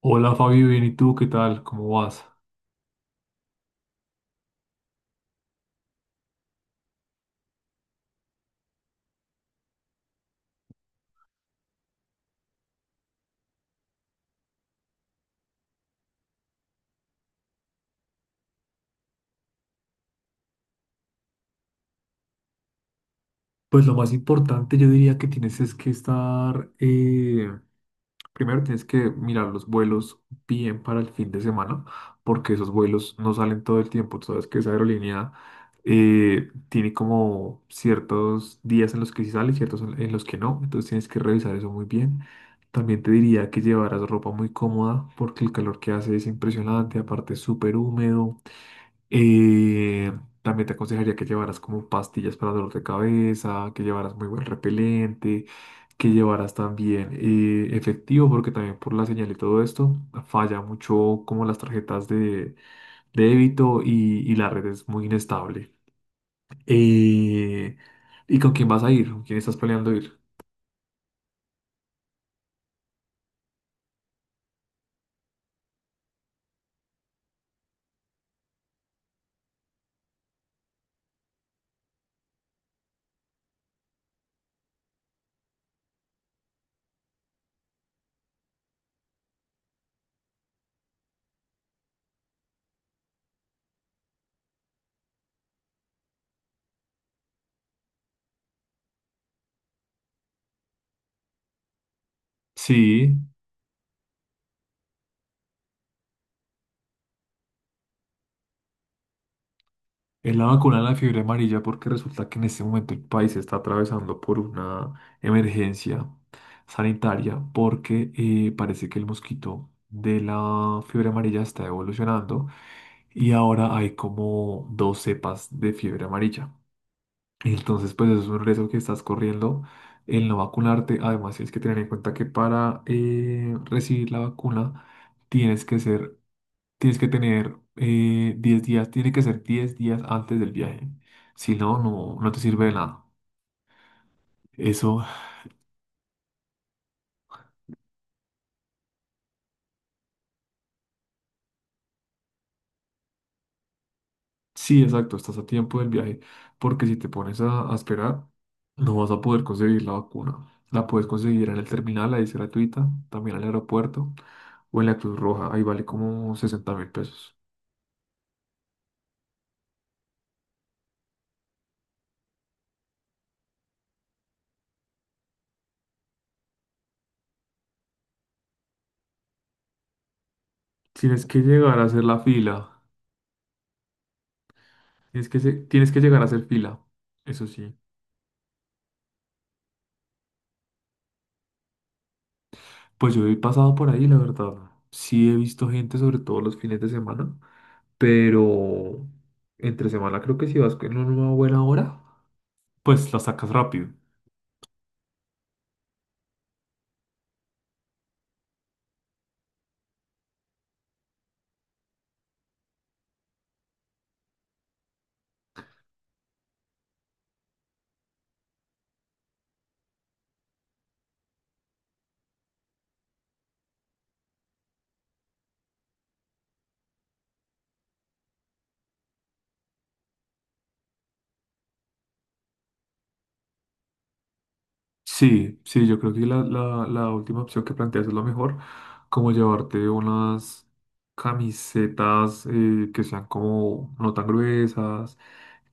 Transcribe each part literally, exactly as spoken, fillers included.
Hola Fabio, bien, ¿y tú qué tal? ¿Cómo vas? Pues lo más importante yo diría que tienes es que estar, eh, primero tienes que mirar los vuelos bien para el fin de semana, porque esos vuelos no salen todo el tiempo. Tú sabes que esa aerolínea eh, tiene como ciertos días en los que sí sale, ciertos en en los que no. Entonces tienes que revisar eso muy bien. También te diría que llevaras ropa muy cómoda, porque el calor que hace es impresionante, aparte es súper húmedo. Eh, También te aconsejaría que llevaras como pastillas para dolor de cabeza, que llevaras muy buen repelente, que llevaras también eh, efectivo, porque también por la señal y todo esto falla mucho como las tarjetas de, de débito y, y la red es muy inestable. Eh, ¿Y con quién vas a ir? ¿Con quién estás planeando ir? Sí. Es la vacuna de la fiebre amarilla porque resulta que en este momento el país está atravesando por una emergencia sanitaria porque eh, parece que el mosquito de la fiebre amarilla está evolucionando y ahora hay como dos cepas de fiebre amarilla. Entonces, pues eso es un riesgo que estás corriendo el no vacunarte. Además, tienes que tener en cuenta que para eh, recibir la vacuna tienes que ser tienes que tener eh, diez días, tiene que ser diez días antes del viaje. Si no, no, no te sirve de nada. Eso, sí, exacto, estás a tiempo del viaje, porque si te pones a, a esperar, no vas a poder conseguir la vacuna. La puedes conseguir en el terminal, ahí es gratuita, también al aeropuerto o en la Cruz Roja, ahí vale como sesenta mil pesos. Tienes que llegar a hacer la fila, tienes que, se- tienes que llegar a hacer fila, eso sí. Pues yo he pasado por ahí, la verdad. Sí he visto gente, sobre todo los fines de semana, pero entre semana creo que si vas en una buena hora, pues la sacas rápido. Sí, sí, yo creo que la, la, la última opción que planteas es la mejor, como llevarte unas camisetas eh, que sean como no tan gruesas,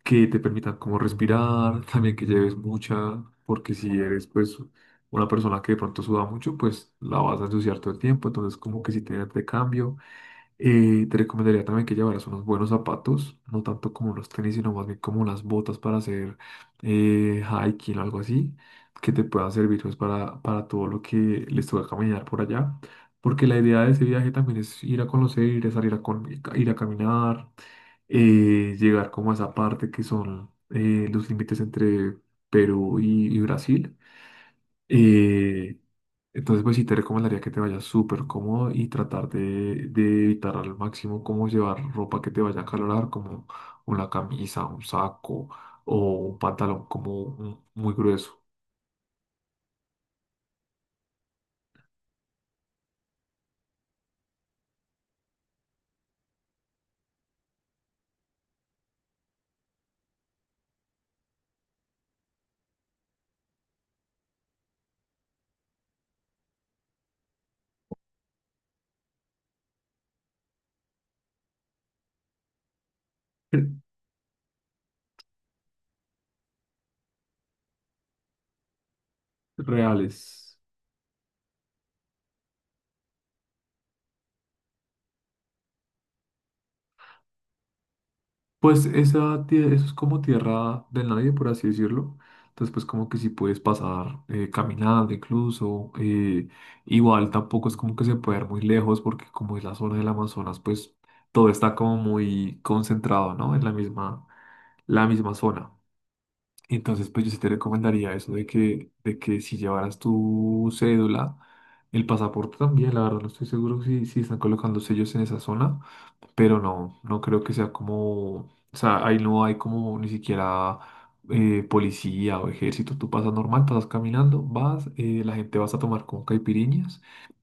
que te permitan como respirar, también que lleves mucha, porque si eres pues una persona que de pronto suda mucho, pues la vas a ensuciar todo el tiempo, entonces como que si tienes de cambio. Eh, te recomendaría también que llevaras unos buenos zapatos, no tanto como los tenis, sino más bien como unas botas para hacer eh, hiking o algo así, que te puedan servir pues, para, para todo lo que les toca caminar por allá. Porque la idea de ese viaje también es ir a conocer, ir a salir a, con- ir a caminar, eh, llegar como a esa parte que son eh, los límites entre Perú y y Brasil. eh, entonces, pues sí te recomendaría que te vayas súper cómodo y tratar de, de evitar al máximo como llevar ropa que te vaya a acalorar, como una camisa, un saco o un pantalón como un- muy grueso. Reales. Pues esa, tie- eso es como tierra de nadie, por así decirlo. Entonces, pues como que si puedes pasar eh, caminando incluso. Eh, igual tampoco es como que se puede ir muy lejos, porque como es la zona del Amazonas, pues todo está como muy concentrado, ¿no? En la misma, la misma zona. Entonces, pues yo sí te recomendaría eso de que, de que si llevaras tu cédula, el pasaporte también, la verdad no estoy seguro si, si están colocando sellos en esa zona, pero no, no creo que sea como, o sea, ahí no hay como ni siquiera eh, policía o ejército, tú pasas normal, pasas caminando, vas, eh, la gente vas a tomar con caipiriñas,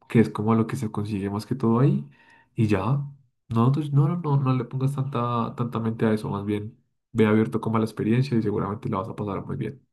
que es como lo que se consigue más que todo ahí, y ya. No, entonces, no, no, no, no le pongas tanta, tanta mente a eso, más bien. Ve abierto como a la experiencia y seguramente la vas a pasar muy bien.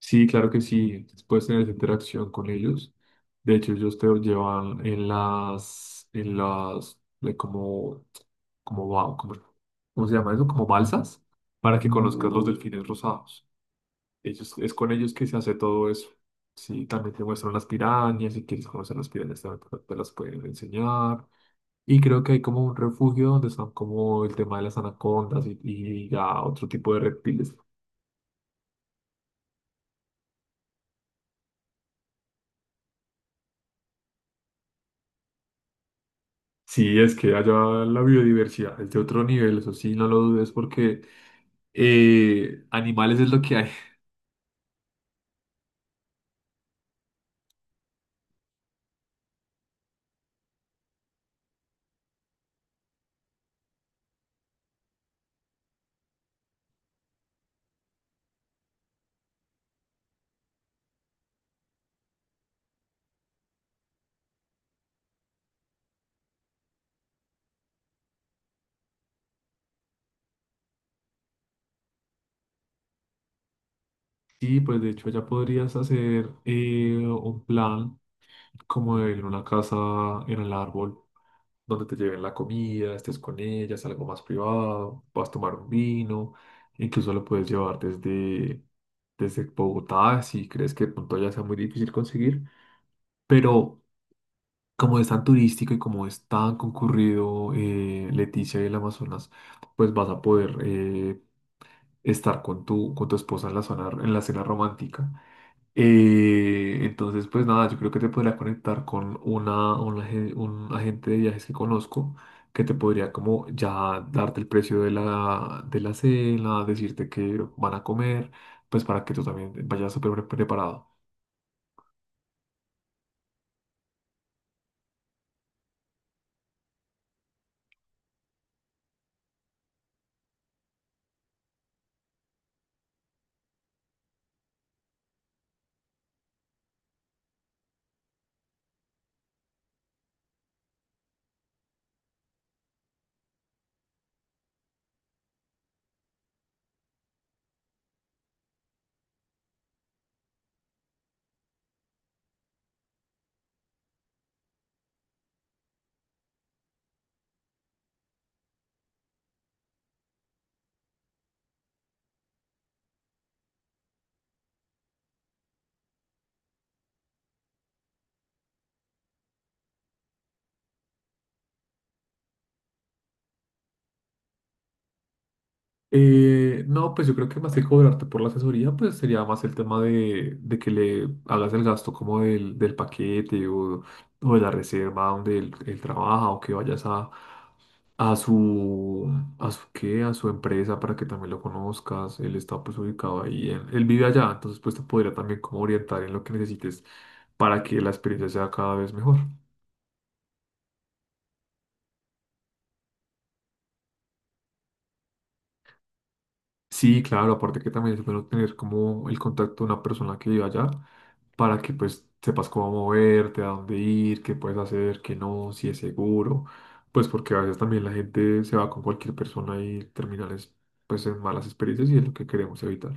Sí, claro que sí, puedes tener esa interacción con ellos. De hecho, ellos te llevan en las, en las, de como, como, ba- como- ¿cómo se llama eso? Como balsas, para que conozcas los delfines rosados. Ellos, es con ellos que se hace todo eso. Sí, también te muestran las pirañas, si quieres conocer las pirañas también te te las pueden enseñar. Y creo que hay como un refugio donde están como el tema de las anacondas y, y ya otro tipo de reptiles. Sí, es que allá la biodiversidad es de otro nivel, eso sí, no lo dudes, porque eh, animales es lo que hay. Sí, pues de hecho ya podrías hacer eh, un plan como en una casa, en el árbol, donde te lleven la comida, estés con ellas, algo más privado, vas a tomar un vino, incluso lo puedes llevar desde, desde Bogotá, si crees que de pronto ya sea muy difícil conseguir, pero... Como es tan turístico y como es tan concurrido, eh, Leticia y el Amazonas, pues vas a poder eh, estar con tu, con tu esposa en la zona, en la cena romántica. Eh, entonces, pues nada, yo creo que te podría conectar con una, una agen- un agente de viajes que conozco que te podría como ya darte el precio de la, de la cena, decirte que van a comer, pues para que tú también vayas súper pre- preparado. Eh, no, pues yo creo que más que cobrarte por la asesoría, pues sería más el tema de, de que le hagas el gasto como del, del paquete o, o de la reserva donde él, él trabaja, o que vayas a, a su, a su, ¿qué? A su empresa para que también lo conozcas. Él está pues ubicado ahí, en- él vive allá, entonces pues te podría también como orientar en lo que necesites para que la experiencia sea cada vez mejor. Sí, claro, aparte que también es bueno tener como el contacto de una persona que vive allá para que pues sepas cómo moverte, a dónde ir, qué puedes hacer, qué no, si es seguro, pues porque a veces también la gente se va con cualquier persona y terminan es- pues en malas experiencias y es lo que queremos evitar.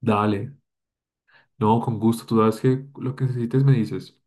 Dale, no, con gusto, tú sabes que lo que necesites me dices.